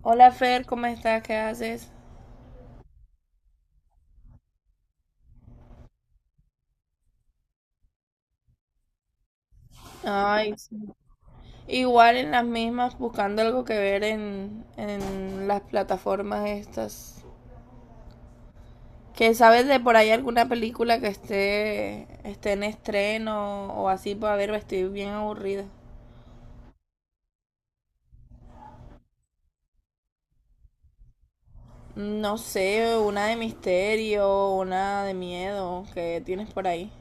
Hola Fer, ¿cómo estás? ¿Qué haces? Ay, sí. Igual en las mismas, buscando algo que ver en las plataformas estas. ¿Que sabes de por ahí alguna película que esté en estreno o así? Para ver, estoy bien aburrida. No sé, una de misterio, una de miedo que tienes por ahí.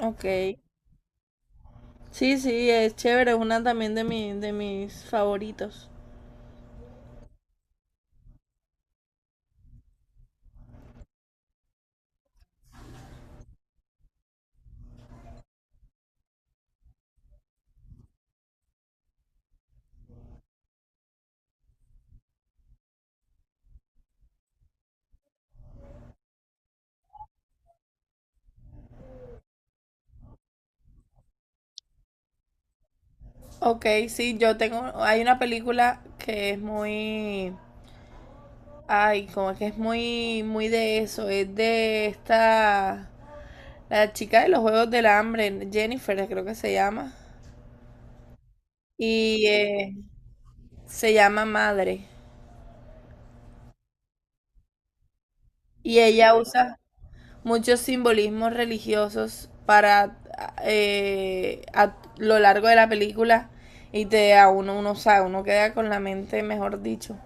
Ok. Sí, sí, es chévere, es una también de mis favoritos. Ok, sí, hay una película que es muy, ay, como que es muy, muy de eso, es de esta, la chica de los Juegos del Hambre, Jennifer creo que se llama, y se llama Madre, y ella usa muchos simbolismos religiosos para a lo largo de la película y uno sabe, uno queda con la mente, mejor dicho.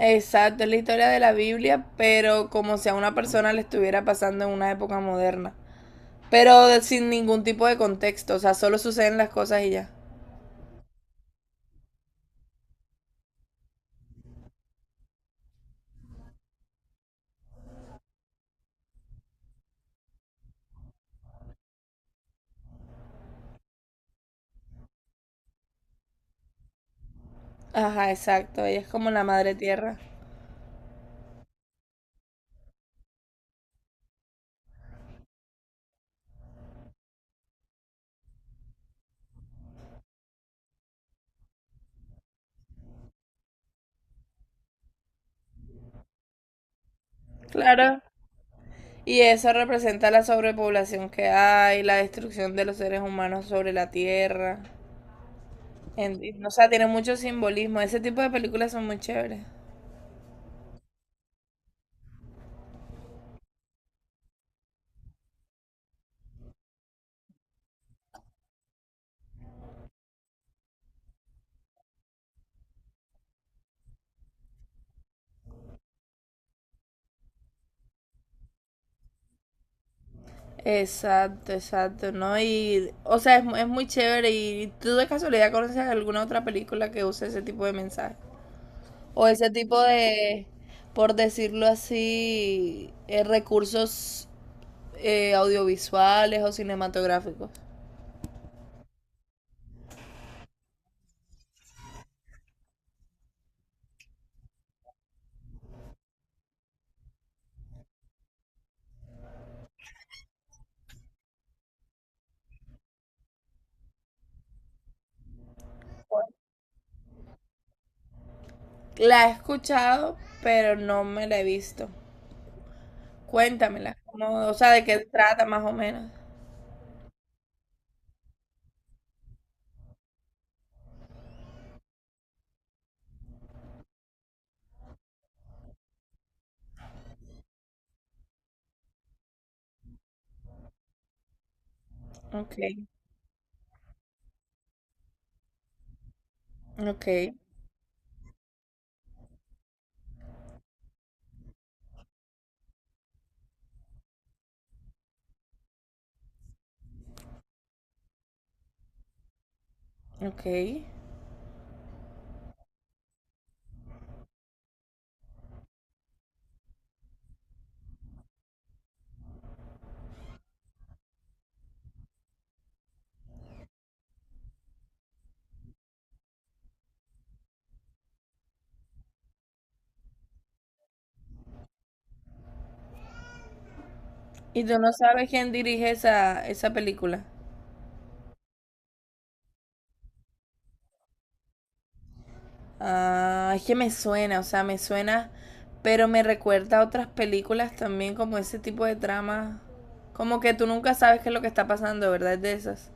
Exacto, es la historia de la Biblia, pero como si a una persona le estuviera pasando en una época moderna. Pero sin ningún tipo de contexto, o sea, solo suceden las cosas y ya. Ajá, exacto, ella es como la madre tierra. Claro. Y eso representa la sobrepoblación que hay, la destrucción de los seres humanos sobre la tierra. O sea, tiene mucho simbolismo. Ese tipo de películas son muy chéveres. Exacto, exacto, ¿no? Y, o sea, es muy chévere. ¿Y tú de casualidad conoces alguna otra película que use ese tipo de mensaje? O ese tipo de, por decirlo así, recursos audiovisuales o cinematográficos. La he escuchado, pero no me la he visto. Cuéntamela, ¿cómo- o sea, de qué trata más o menos. Ok, ok, ok. ¿Y tú no sabes quién dirige esa película? Ah, es que me suena, o sea, me suena, pero me recuerda a otras películas también, como ese tipo de trama. Como que tú nunca sabes qué es lo que está pasando, ¿verdad? Es de esas.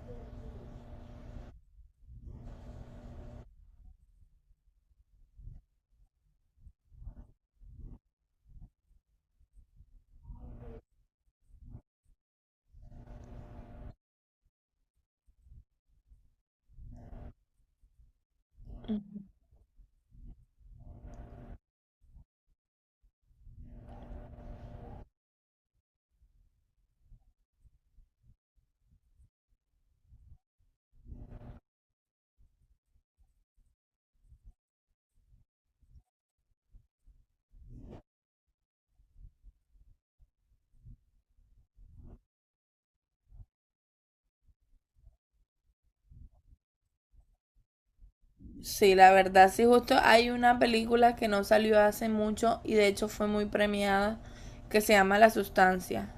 Sí, la verdad, sí, justo hay una película que no salió hace mucho y de hecho fue muy premiada, que se llama La Sustancia.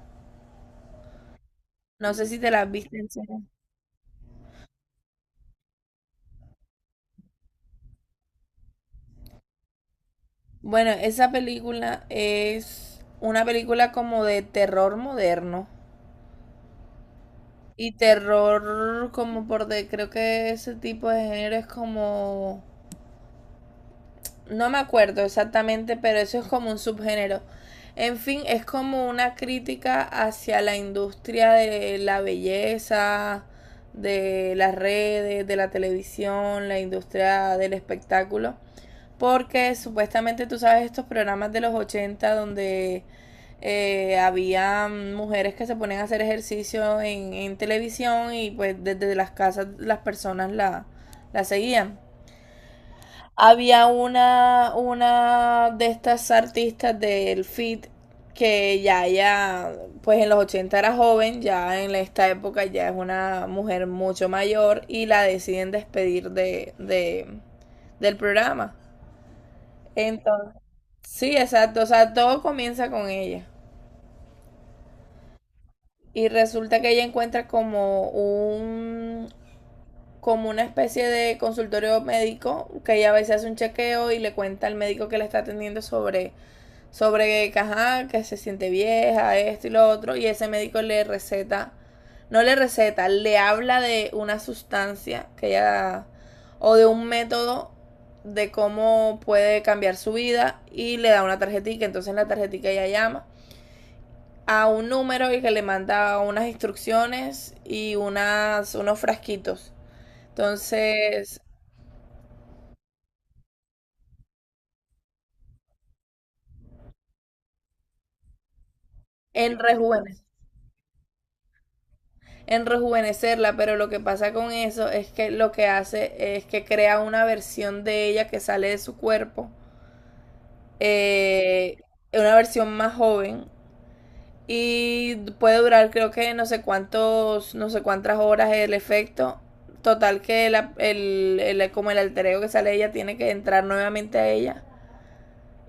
No sé si te la viste en serio. Bueno, esa película es una película como de terror moderno. Y terror como por de, creo que ese tipo de género es como, no me acuerdo exactamente, pero eso es como un subgénero. En fin, es como una crítica hacia la industria de la belleza, de las redes, de la televisión, la industria del espectáculo. Porque supuestamente tú sabes estos programas de los 80 donde había mujeres que se ponían a hacer ejercicio en televisión y pues desde las casas las personas la seguían. Había una de estas artistas del fit que pues en los 80 era joven, ya en esta época ya es una mujer mucho mayor y la deciden despedir de del programa. Entonces, sí, exacto. O sea, todo comienza con ella. Y resulta que ella encuentra como una especie de consultorio médico que ella a veces hace un chequeo y le cuenta al médico que la está atendiendo sobre que, ajá, que se siente vieja, esto y lo otro y ese médico le receta no le receta, le habla de una sustancia que ella o de un método de cómo puede cambiar su vida y le da una tarjetita, entonces en la tarjetita ella llama a un número y que le manda unas instrucciones y unos frasquitos. Entonces, en rejuvenecer, en rejuvenecerla, pero lo que pasa con eso es que lo que hace es que crea una versión de ella que sale de su cuerpo, eh, una versión más joven y puede durar creo que no sé cuántos, no sé cuántas horas el efecto. Total que como el alter ego que sale de ella tiene que entrar nuevamente a ella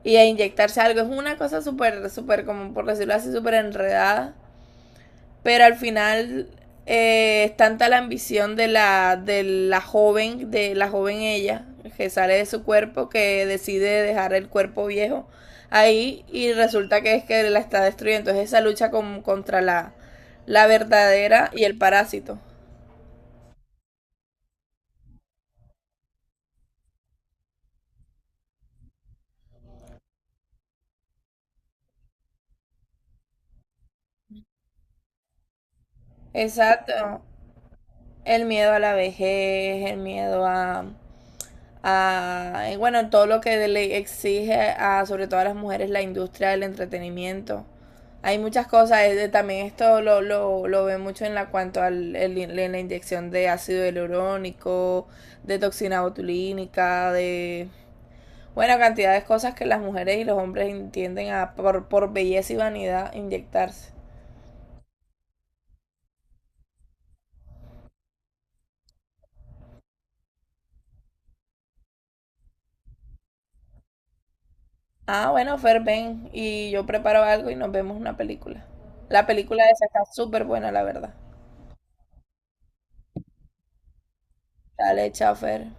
y a inyectarse algo. Es una cosa súper, súper, como por decirlo así, súper enredada. Pero al final es tanta la ambición de la joven ella, que sale de su cuerpo, que decide dejar el cuerpo viejo ahí y resulta que es que la está destruyendo. Entonces esa lucha contra la, la verdadera y el parásito. Exacto. El miedo a la vejez, el miedo a, bueno, todo lo que le exige a, sobre todo a las mujeres, la industria del entretenimiento. Hay muchas cosas, también esto lo ve mucho en la cuanto al en la inyección de ácido hialurónico, de toxina botulínica, de bueno cantidad de cosas que las mujeres y los hombres tienden a por belleza y vanidad inyectarse. Ah, bueno, Fer, ven y yo preparo algo y nos vemos una película. La película esa está súper buena, la verdad. Dale, chao, Fer.